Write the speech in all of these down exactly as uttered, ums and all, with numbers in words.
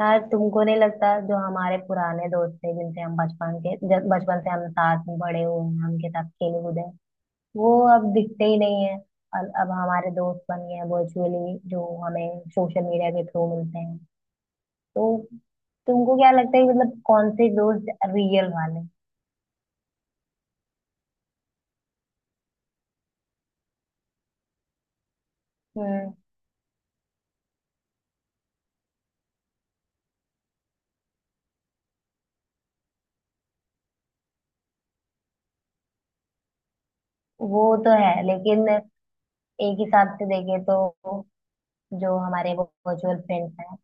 यार तुमको नहीं लगता जो हमारे पुराने दोस्त थे जिनसे हम बचपन के जब बचपन से हम साथ में बड़े हुए हैं उनके साथ खेले कूदे हैं, वो अब दिखते ही नहीं है। और अब हमारे दोस्त बन गए हैं वर्चुअली जो हमें सोशल मीडिया के थ्रू मिलते हैं, तो तुमको क्या लगता है कि मतलब कौन से दोस्त रियल वाले? हम्म। वो तो है लेकिन एक हिसाब से देखे तो जो हमारे वो वर्चुअल फ्रेंड्स हैं,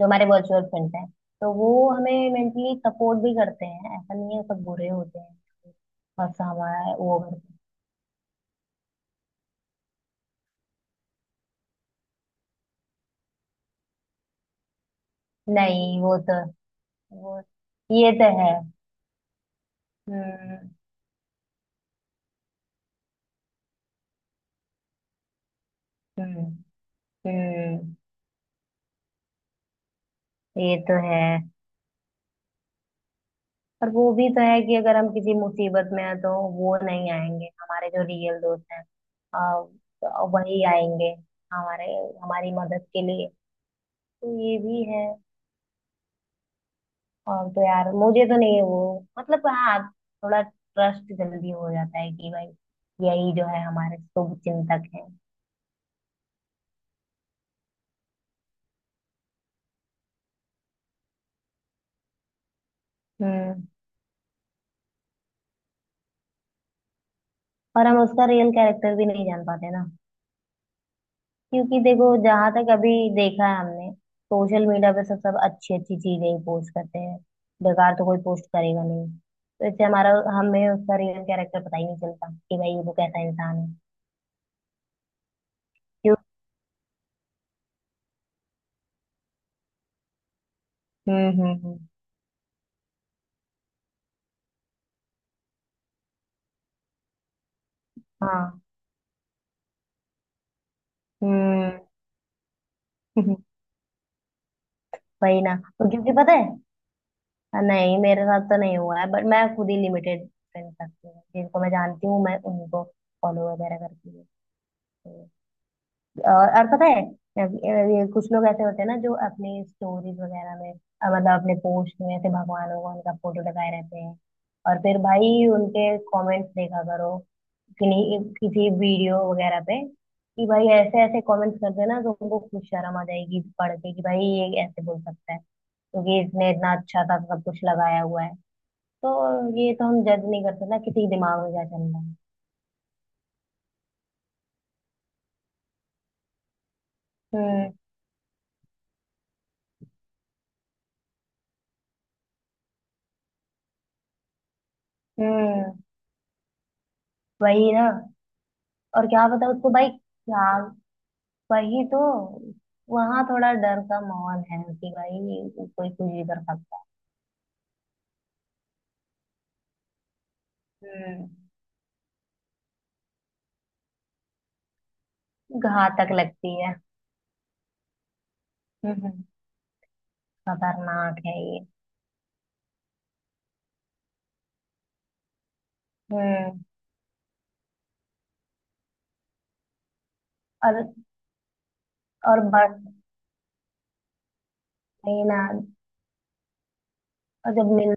जो हमारे वर्चुअल फ्रेंड्स हैं, तो वो हमें मेंटली सपोर्ट भी करते हैं, ऐसा नहीं है सब बुरे होते हैं। बस हमारा वो करते हैं। नहीं वो तो वो ये तो है। हम्म हम्म हम्म। ये तो है। पर वो भी तो है कि अगर हम किसी मुसीबत में हैं तो वो नहीं आएंगे हमारे जो रियल दोस्त हैं। आ, वही आएंगे हमारे हमारी मदद के लिए। तो ये भी है। और तो यार मुझे तो नहीं है वो मतलब हाँ थोड़ा ट्रस्ट जल्दी हो जाता है कि भाई यही जो है हमारे शुभ चिंतक है। हम्म। और हम उसका रियल कैरेक्टर भी नहीं जान पाते ना क्योंकि देखो जहां तक अभी देखा है हमने सोशल मीडिया पे सब सब अच्छी अच्छी चीजें ही पोस्ट करते हैं। बेकार तो कोई पोस्ट करेगा नहीं तो इससे हमारा हमें उसका रियल कैरेक्टर पता ही नहीं चलता कि भाई वो कैसा इंसान है। क्यों। हम्म हम्म हाँ हम्म हाँ हम्म, वही ना तो क्योंकि पता है। नहीं मेरे साथ तो नहीं हुआ है बट मैं खुद ही लिमिटेड फ्रेंड रखती हूँ जिनको मैं जानती हूँ मैं उनको फॉलो वगैरह करती हूँ। तो- और और पता है अ, ये कुछ लोग ऐसे होते हैं ना जो अपनी स्टोरीज वगैरह में अ, मतलब अपने पोस्ट में ऐसे भगवान भगवान का फोटो लगाए रहते हैं। और फिर भाई उनके कमेंट्स देखा करो किन्हीं किसी वीडियो वगैरह पे कि भाई ऐसे ऐसे कमेंट्स करते हैं ना तो उनको कुछ शर्म आ जाएगी पढ़ के कि भाई ये ऐसे बोल सकता है क्योंकि इसने इतना अच्छा सा सब कुछ लगाया हुआ है। तो ये तो हम जज नहीं कर सकते ना किसी के दिमाग में क्या चल रहा है। हम्म हम्म वही ना। और क्या पता उसको भाई क्या वही तो वहां थोड़ा डर का माहौल है कि भाई कोई कुछ भी कर सकता है। हम्म। घातक लगती है। हम्म। खतरनाक है ये। हम्म। और और बस नहीं ना और जब मिल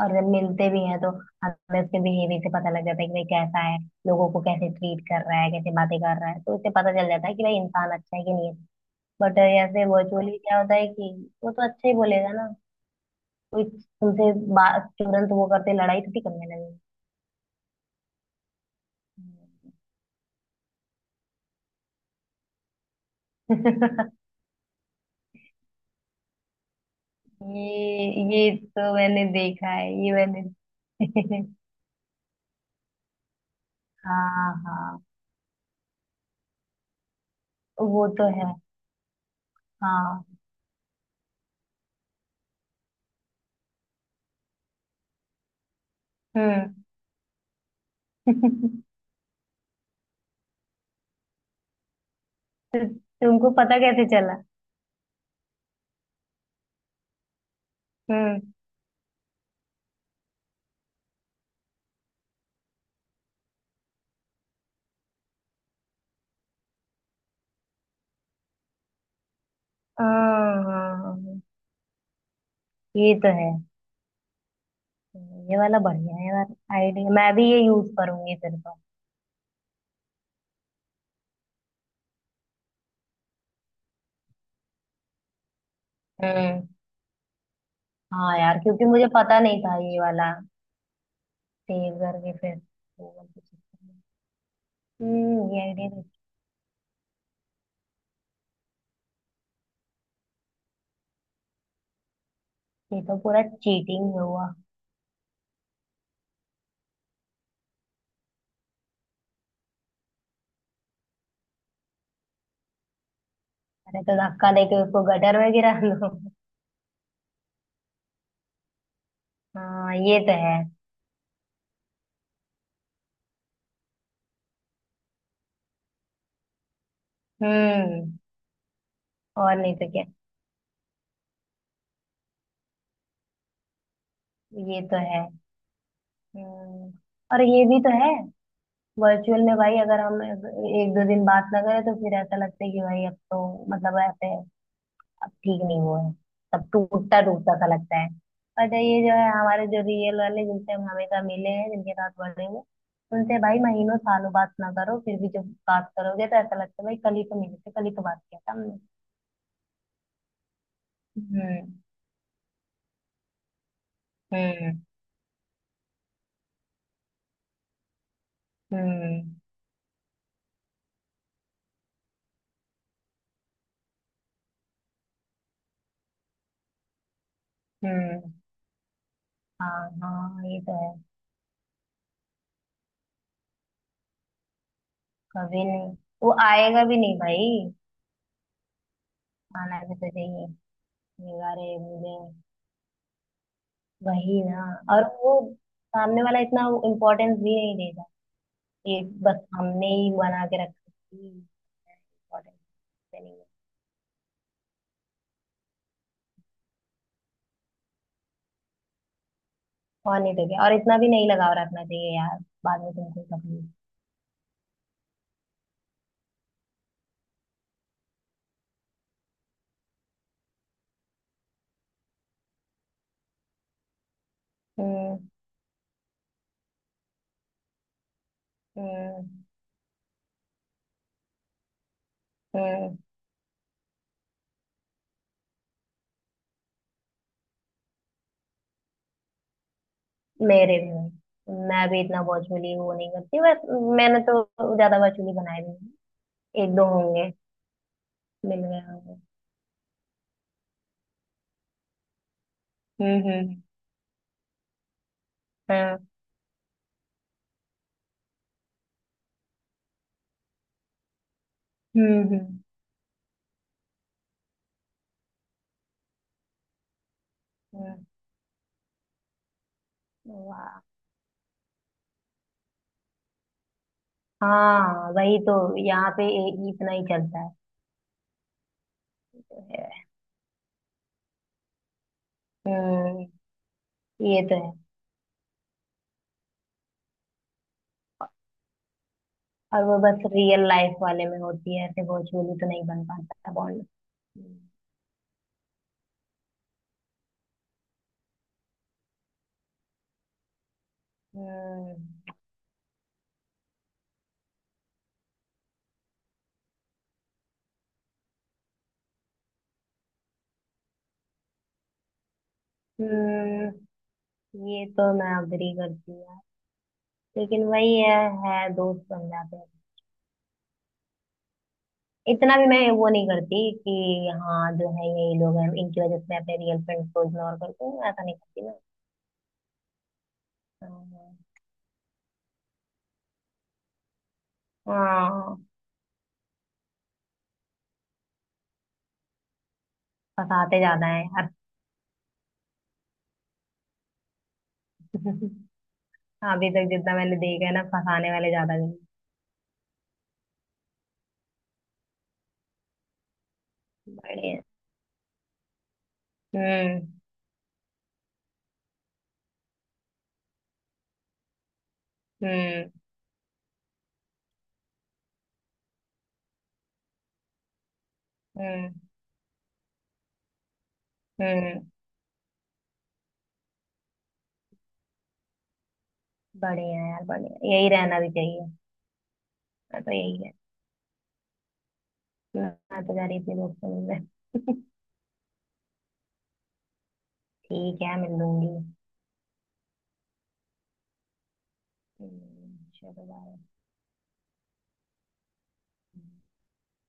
और जब मिलते भी हैं तो हमें उसके बिहेवियर से पता लग जाता है कि भाई कैसा है। लोगों को कैसे ट्रीट कर रहा है कैसे बातें कर रहा है तो इससे पता चल जाता है कि भाई इंसान अच्छा है कि नहीं है। बट ऐसे वर्चुअली क्या होता है कि वो तो अच्छा ही बोलेगा ना। कोई तुमसे बात तुरंत वो करते लड़ाई थोड़ी करने लगे। ये ये तो मैंने देखा है ये मैंने हाँ हाँ वो तो है। हाँ हम्म तो तुमको पता कैसे चला? हम्म हाँ ये तो है। ये वाला बढ़िया है यार। आइडिया मैं भी ये यूज करूंगी फिर तो। हम्म हाँ यार क्योंकि मुझे पता नहीं था ये वाला सेव करके फिर गूगल पे check करना। हम्म ये आइडिया ये तो पूरा चीटिंग हुआ। अरे तो धक्का देके उसको गटर में गिरा दो। हाँ ये तो है। हम्म और नहीं तो क्या। ये तो है। हम्म। और ये भी तो है। वर्चुअल में भाई अगर हम एक दो दिन बात ना करें तो फिर ऐसा लगता है कि भाई अब तो मतलब ऐसे अब ठीक नहीं हुआ है सब टूटता टूटता सा लगता है। और ये जो है हमारे जो रियल वाले जिनसे हम हमेशा मिले हैं जिनके साथ बढ़े हैं उनसे भाई महीनों सालों बात ना करो फिर भी जब बात करोगे तो ऐसा लगता है भाई कल ही तो मिले थे कल ही तो बात किया था हमने। हम्म हम्म हम्म हम्म हाँ हाँ ये तो है। कभी नहीं। वो आएगा भी नहीं भाई। आना भी तो चाहिए। अरे मुझे वही ना। और वो सामने वाला इतना इम्पोर्टेंस भी नहीं देता। ये बस हमने ही बना के रखा है कि इम्पोर्टेंस नहीं है। और नहीं तो क्या और इतना भी नहीं लगाव रखना चाहिए यार। बाद में तुमको तकलीफ। हम्म हम्म हम्म। मेरे भी वही। मैं भी इतना बॉचूली वो नहीं करती बस मैंने तो ज्यादा बॉचूली बनाए भी नहीं। एक दो होंगे मिल गए होंगे। हम्म हम्म हाँ हम्म हम्म हम्म, वाह। हाँ वही तो। यहाँ पे ए- इतना ही चलता है। है। हम्म। ये तो है। और वो बस रियल लाइफ वाले में होती है ऐसे भोजपुरी तो नहीं बन पाता बॉन्ड। हम्म हम्म, ये तो मैं अग्री करती हूँ यार। लेकिन वही है है दोस्त बन जाते हैं। इतना भी मैं वो नहीं करती कि हाँ जो है यही लोग हैं इनकी वजह से मैं अपने रियल फ्रेंड्स को इग्नोर करती हूँ ऐसा नहीं करती मैं। हाँ फंसाते ज्यादा है यार। अभी तक जितना मैंने देखा है ना फंसाने वाले ज्यादा हैं। बड़े हैं हम्म हम्म हम्म हम्म। बढ़िया यार बढ़िया यही रहना भी चाहिए। मैं तो यही है। मैं तो जा रही थी दोस्तों मिलने। ठीक है मिल लूंगी। हम्म, चलो बाय।